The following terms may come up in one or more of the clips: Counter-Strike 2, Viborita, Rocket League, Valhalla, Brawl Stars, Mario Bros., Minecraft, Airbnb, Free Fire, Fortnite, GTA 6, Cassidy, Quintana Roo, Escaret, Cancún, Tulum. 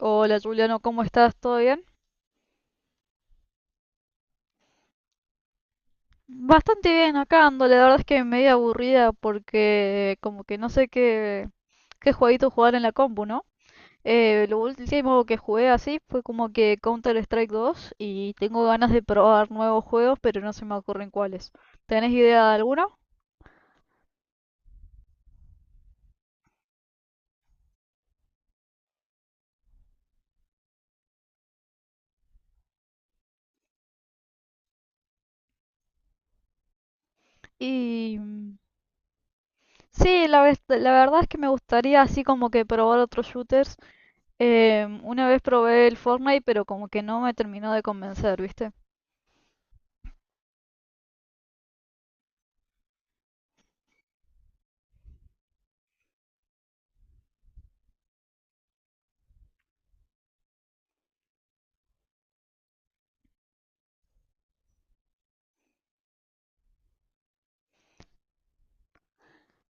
Hola Juliano, ¿cómo estás? ¿Todo bien? Bastante bien acá ando, la verdad es que medio aburrida porque como que no sé qué, qué jueguito jugar en la compu, ¿no? Lo último que jugué así fue como que Counter-Strike 2 y tengo ganas de probar nuevos juegos, pero no se me ocurren cuáles. ¿Tenés idea de alguno? Y mm, sí, la verdad es que me gustaría así como que probar otros shooters. Una vez probé el Fortnite, pero como que no me terminó de convencer, ¿viste?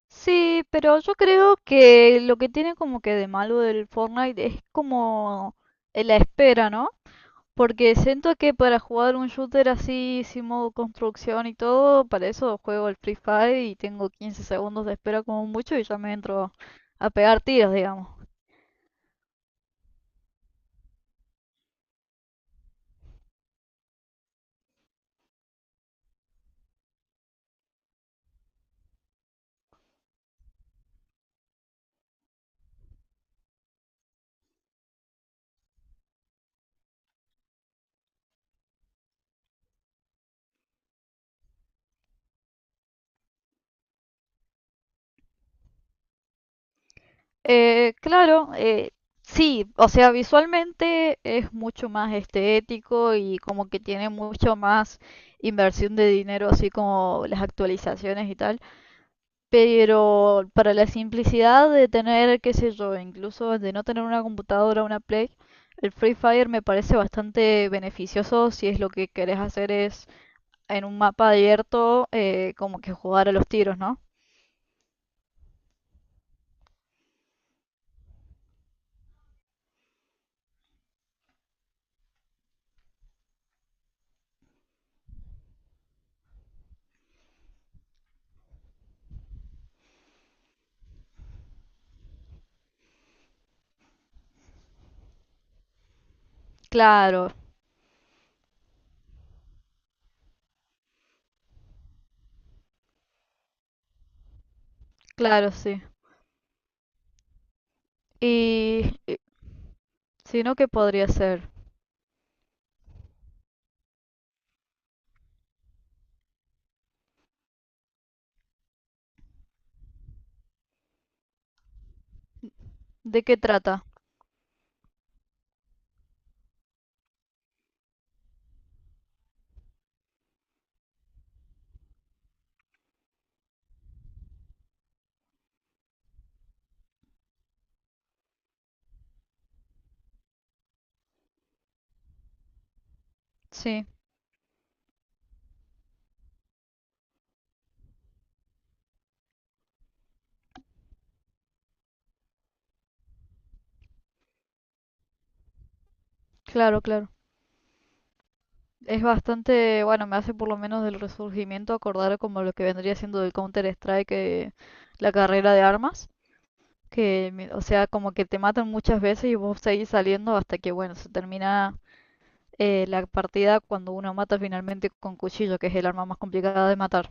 Sí, pero yo creo que lo que tiene como que de malo del Fortnite es como la espera, ¿no? Porque siento que para jugar un shooter así, sin modo construcción y todo, para eso juego el Free Fire y tengo 15 segundos de espera como mucho y ya me entro a pegar tiros, digamos. Eh, claro, eh, sí, o sea, visualmente es mucho más estético y como que tiene mucho más inversión de dinero, así como las actualizaciones y tal. Pero para la simplicidad de tener, qué sé yo, incluso de no tener una computadora, una Play, el Free Fire me parece bastante beneficioso si es lo que querés hacer es en un mapa abierto como que jugar a los tiros, ¿no? Claro, claro, sí. Y si no, ¿qué podría ser? ¿De qué trata? Sí, claro, claro. Es bastante, bueno, me hace por lo menos del resurgimiento acordar como lo que vendría siendo del Counter-Strike, la carrera de armas. O sea, como que te matan muchas veces y vos seguís saliendo hasta que, bueno, se termina la partida cuando uno mata finalmente con cuchillo, que es el arma más complicada de matar.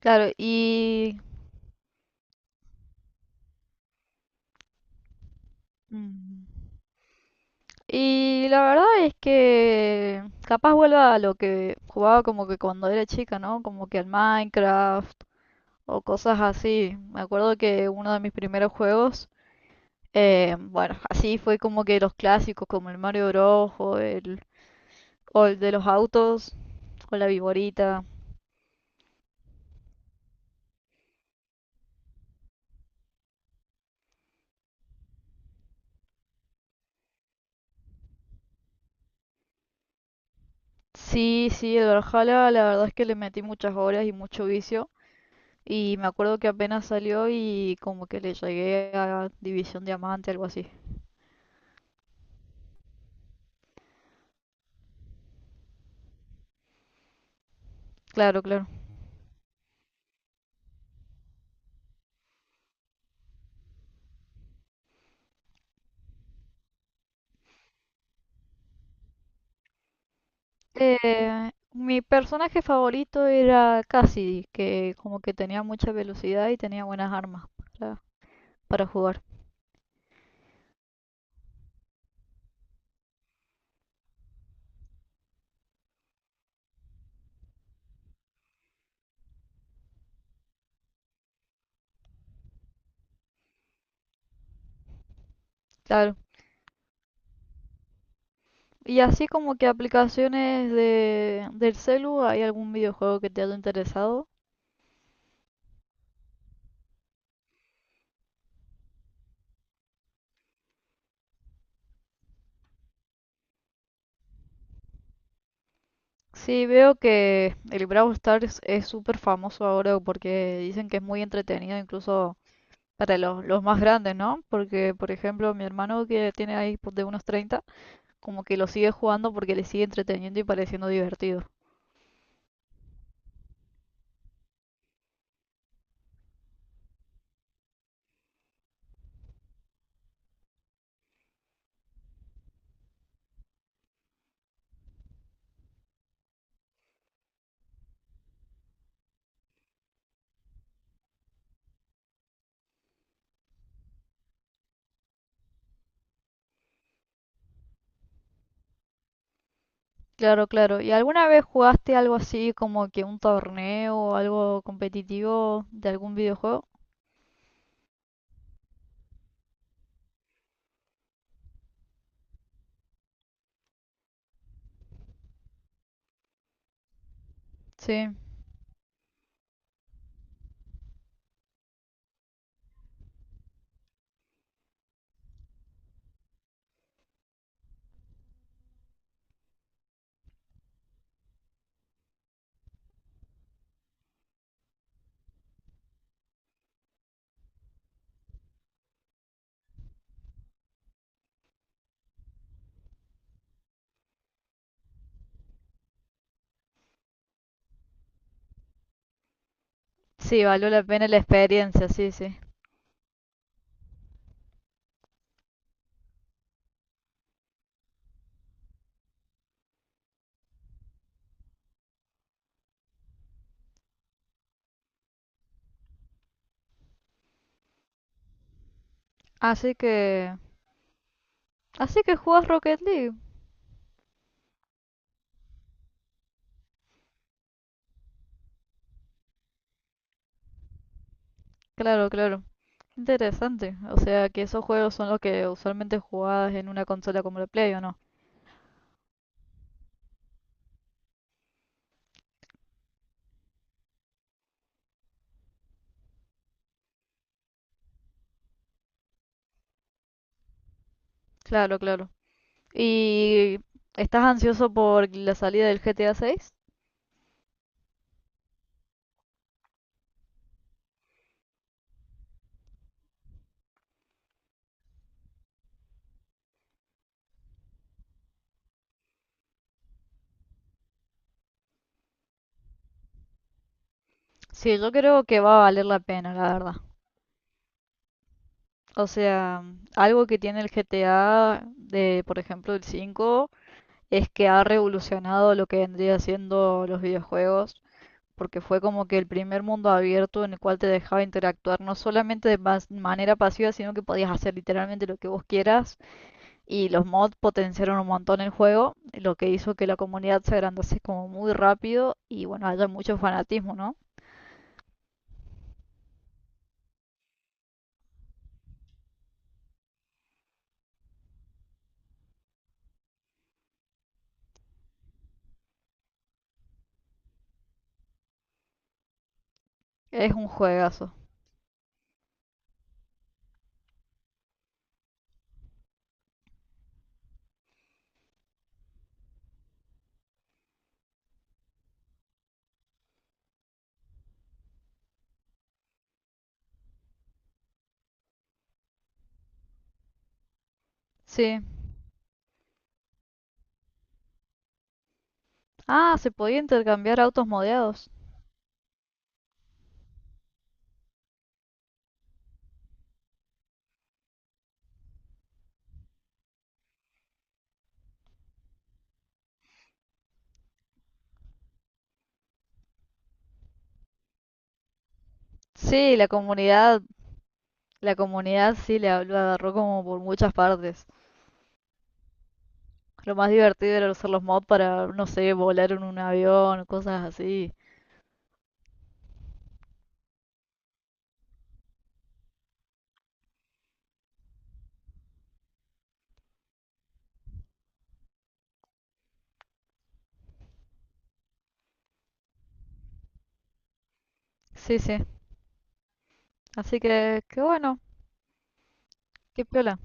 Claro, y... mm, y la verdad es que capaz vuelva a lo que jugaba como que cuando era chica, ¿no? Como que al Minecraft o cosas así. Me acuerdo que uno de mis primeros juegos, bueno, así fue como que los clásicos como el Mario Bros. O el de los autos con la Viborita. Sí, sí, el Valhalla, la verdad es que le metí muchas horas y mucho vicio. Y me acuerdo que apenas salió y como que le llegué a División Diamante, algo así. Claro, claro. Eh, Mi personaje favorito era Cassidy, que como que tenía mucha velocidad y tenía buenas armas para, para jugar. Claro. Y así como que aplicaciones de, del celu, ¿hay algún videojuego que te haya interesado? Sí, veo que el Brawl Stars es súper famoso ahora porque dicen que es muy entretenido incluso para los más grandes, ¿no? Porque, por ejemplo, mi hermano que tiene ahí pues, de unos 30, como que lo sigue jugando porque le sigue entreteniendo y pareciendo divertido. Claro, claro. ¿Y alguna vez jugaste algo así como que un torneo o algo competitivo de algún videojuego? Sí. Sí, valió la pena la experiencia, sí, sí. Así que... así que juegas Rocket League. Claro, claro. Interesante. O sea, que esos juegos son los que usualmente jugabas en una consola como la Play, ¿o no? Claro, claro. ¿Y estás ansioso por la salida del GTA 6? Sí, yo creo que va a valer la pena, la verdad. O sea, algo que tiene el GTA de, por ejemplo, el 5 es que ha revolucionado lo que vendría siendo los videojuegos, porque fue como que el primer mundo abierto en el cual te dejaba interactuar no solamente de manera pasiva, sino que podías hacer literalmente lo que vos quieras. Y los mods potenciaron un montón el juego, lo que hizo que la comunidad se agrandase como muy rápido y bueno, haya mucho fanatismo, ¿no? Es un juegazo. Sí. Ah, se podía intercambiar autos modeados. Sí, la comunidad sí le lo agarró como por muchas partes. Lo más divertido era usar los mods para, no sé, volar en un avión, cosas así. Sí, sí. Así que, qué bueno, qué piola.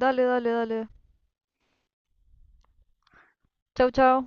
Dale, dale, dale. Chau, chau.